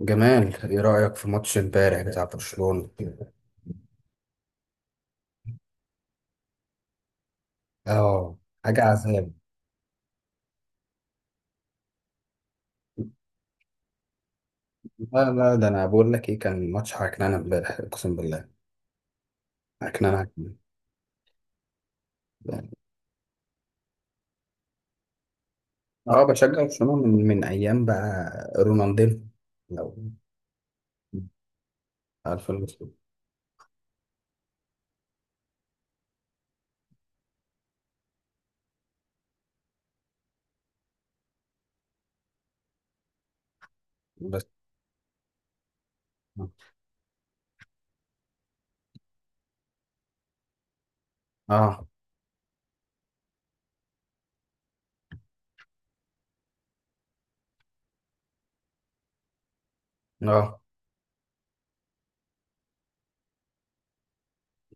جمال، ايه رأيك في ماتش امبارح بتاع برشلونة؟ اه، حاجة عذاب. لا لا، ده انا بقول لك ايه كان ماتش عكنانة امبارح اقسم بالله. عكنانة عكنانة يعني. اه، بشجع برشلونة من ايام بقى رونالدينو لو عارف الاسلوب. بس اه اه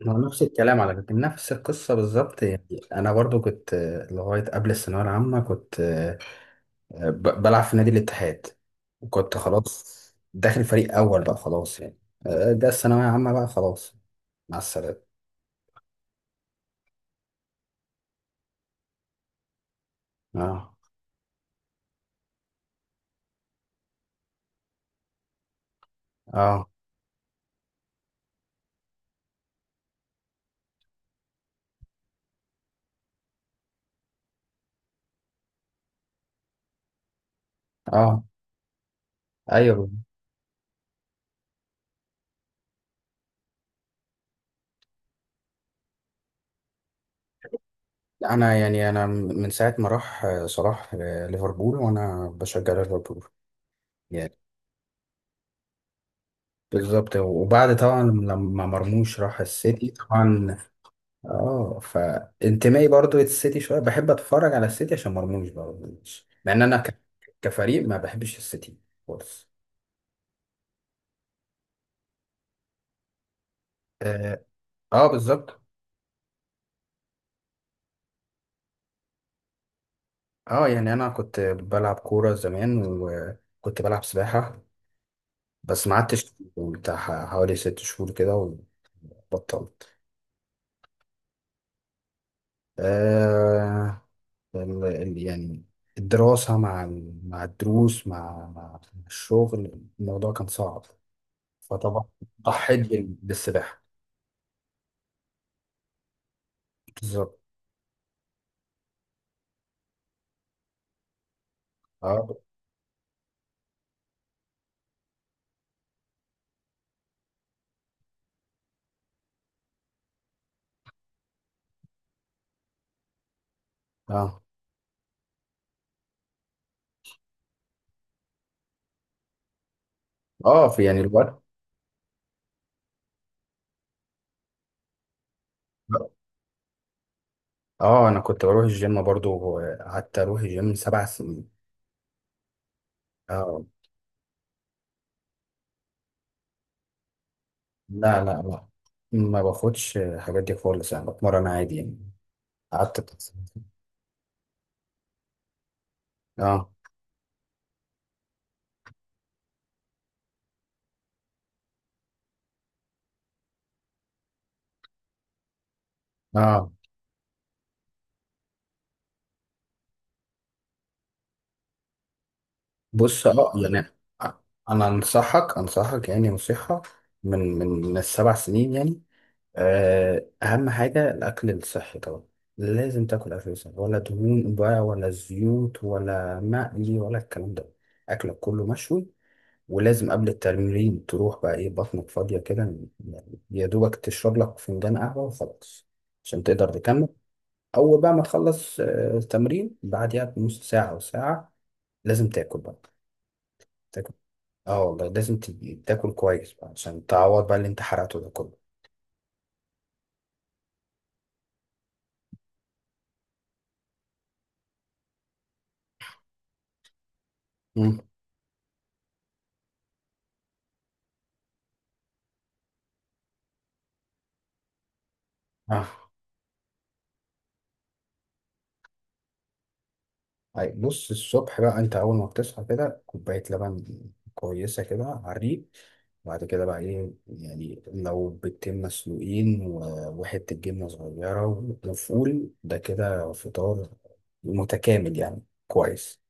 هو نفس الكلام على فكرة، نفس القصة بالظبط. يعني انا برضو كنت، لغاية قبل الثانوية العامة كنت، بلعب في نادي الاتحاد، وكنت اه خلاص داخل فريق اول بقى، خلاص يعني. ده الثانويه عامه بقى، خلاص، مع السلامه. اه اه اه، ايوه. انا يعني انا من ساعه ما راح صلاح ليفربول وانا بشجع ليفربول يعني. بالظبط، وبعد طبعا لما مرموش راح السيتي طبعا. اه، فانتمائي برضو للسيتي شويه، بحب اتفرج على السيتي عشان مرموش برضو، مع ان انا كفريق ما بحبش السيتي خالص. آه. اه بالظبط. اه يعني انا كنت بلعب كوره زمان وكنت بلعب سباحه، بس ما قعدتش، بتاع حوالي ست شهور كده وبطلت. آه، يعني الدراسه مع مع الدروس، مع الشغل، الموضوع كان صعب، فطبعا ضحيت بالسباحه. بالظبط. اه اه اه، في يعني الوقت. اه، انا كنت بروح الجيم برضو، قعدت اروح الجيم سبع سنين. اه. لا لا لا، ما باخدش الحاجات دي خالص، يعني بتمرن عادي يعني. قعدت بس. اه اه، بص، اه يعني انا انصحك، يعني نصيحة من السبع سنين يعني. آه، اهم حاجة الاكل الصحي طبعا، لازم تاكل اكل صحي ولا دهون بقى ولا زيوت ولا مقلي ولا الكلام ده، اكلك كله مشوي. ولازم قبل التمرين تروح بقى ايه، بطنك فاضية كده، يعني يا دوبك تشرب لك فنجان قهوة وخلاص عشان تقدر تكمل. أول بقى ما تخلص التمرين، بعديها بنص ساعة أو ساعة لازم تاكل بقى. تاكل، اه والله لازم تاكل كويس بقى عشان تعوض بقى اللي انت حرقته ده كله. مم. اه، طيب بص، الصبح بقى انت اول ما بتصحى كده كوبايه لبن كويسه كده على الريق. بعد كده بقى ايه، يعني لو بيضتين مسلوقين وحته جبنه صغيره وفول، ده كده فطار متكامل يعني، كويس.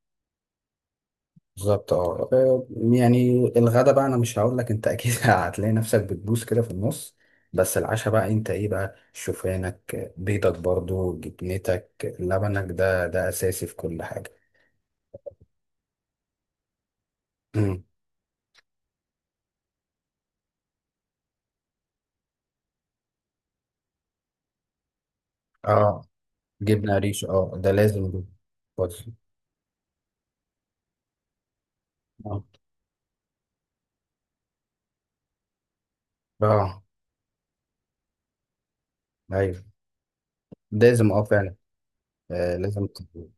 بالظبط. اه آه، يعني الغدا بقى انا مش هقول لك، انت اكيد هتلاقي نفسك بتبوس كده في النص. بس العشاء بقى انت ايه بقى، شوفانك، بيضك برضو، جبنتك، لبنك، ده ده اساسي في كل حاجه. امم. اه، جبنة قريش، اه ده لازم ده. بص. اه اه ايوه، لازم اه فعلا. آه، لازم تكون.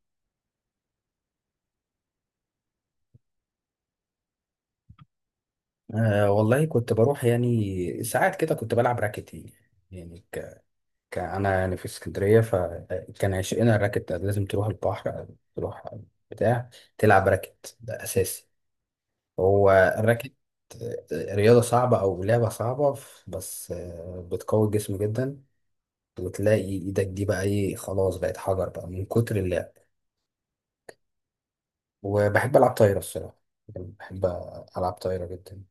آه والله، كنت بروح يعني ساعات كده كنت بلعب راكت يعني. يعني انا يعني في اسكندريه، فكان عشقنا الراكت ده. لازم تروح البحر أو تروح بتاع تلعب راكت، ده اساسي هو الراكت. رياضه صعبه او لعبه صعبه، بس بتقوي الجسم جدا، وتلاقي ايدك دي بقى ايه، خلاص بقت حجر بقى من كتر اللعب. وبحب ألعب طايرة الصراحة، يعني بحب ألعب طايرة جدا.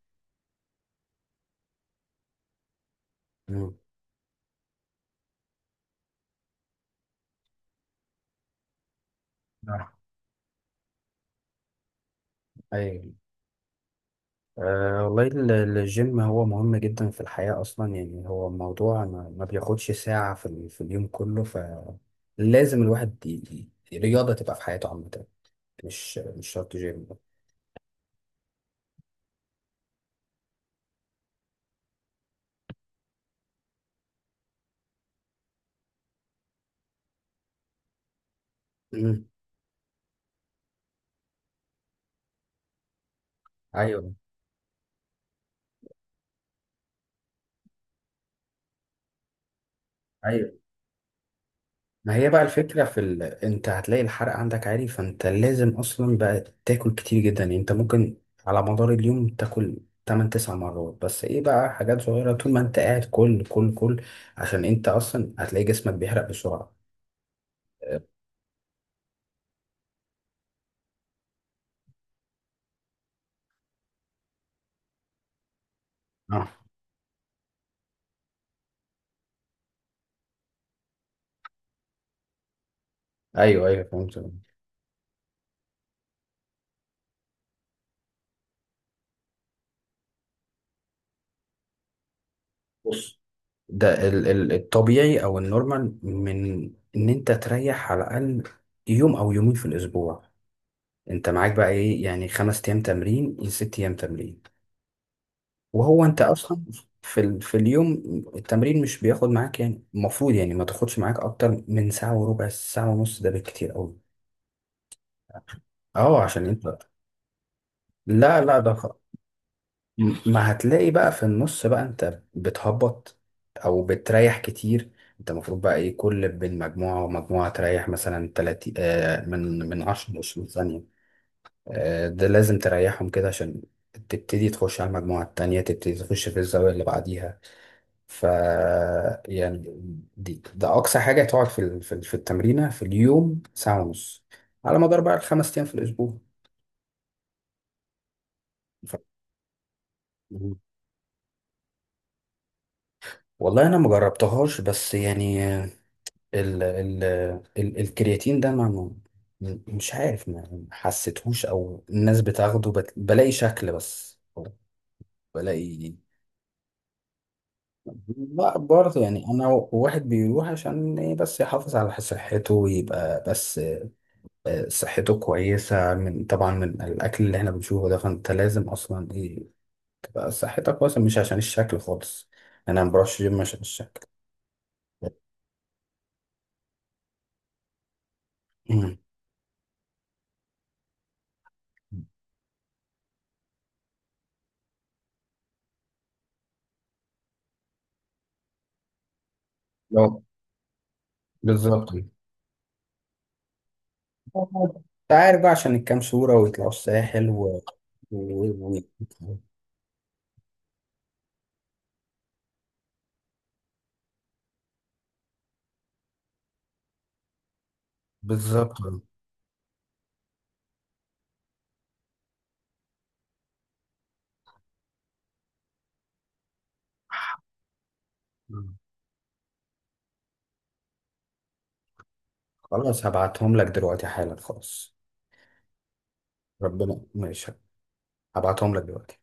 مم. نعم. أيوة، أه والله الجيم هو مهم جدا في الحياة أصلا، يعني هو موضوع ما بياخدش ساعة في في اليوم كله، فلازم الواحد رياضة تبقى في حياته عامة، مش مش شرط جيم. مم. أيوة أيوة. ما هي بقى الفكرة في، ال... انت هتلاقي الحرق عندك عالي، فانت لازم اصلا بقى تاكل كتير جدا، يعني انت ممكن على مدار اليوم تاكل 8 9 مرات، بس ايه بقى حاجات صغيرة طول ما انت قاعد، كل كل كل، عشان انت اصلا هتلاقي جسمك بيحرق بسرعة. اه، آه. ايوه ايوه، فهمت. بص، ده ال... ال... الطبيعي او النورمال، من ان انت تريح على الاقل يوم او يومين في الاسبوع، انت معاك بقى ايه يعني خمس ايام تمرين، ست ايام تمرين. وهو انت اصلا في ال... في اليوم، التمرين مش بياخد معاك يعني، المفروض يعني ما تاخدش معاك اكتر من ساعة وربع، ساعة ونص ده بالكتير قوي. اه عشان انت، لا لا ده خ- م- ما هتلاقي بقى في النص بقى انت بتهبط او بتريح كتير. انت المفروض بقى ايه، كل بين مجموعة ومجموعة تريح مثلا 30، آه، من 10 ل 20 ثانية. آه ده لازم تريحهم كده عشان تبتدي تخش على المجموعة التانية، تبتدي تخش في الزاوية اللي بعديها. ف يعني دي ده اقصى حاجه تقعد في ال- في ال- في التمرينه في اليوم، ساعه ونص، على مدار بقى الخمس ايام في الاسبوع. ف- مم. والله انا ما جربتهاش، بس يعني ال ال ال الكرياتين ده مش عارف، ما حسيتهوش، او الناس بتاخده بلاقي شكل، بس بلاقي. لا برضه يعني انا واحد بيروح عشان ايه بس يحافظ على صحته، ويبقى بس صحته كويسة من، طبعا من الأكل اللي احنا بنشوفه ده، فأنت لازم أصلا إيه تبقى صحتك كويسة، مش عشان الشكل خالص. أنا ما بروحش جيم عشان الشكل. مم. لو بالظبط. أنت عارف بقى، عشان الكام صورة ويطلعوا الساحل و... و... و... بالظبط. مم. خلاص هبعتهم لك دلوقتي حالا، خلاص. ربنا ماشي، هبعتهم لك دلوقتي.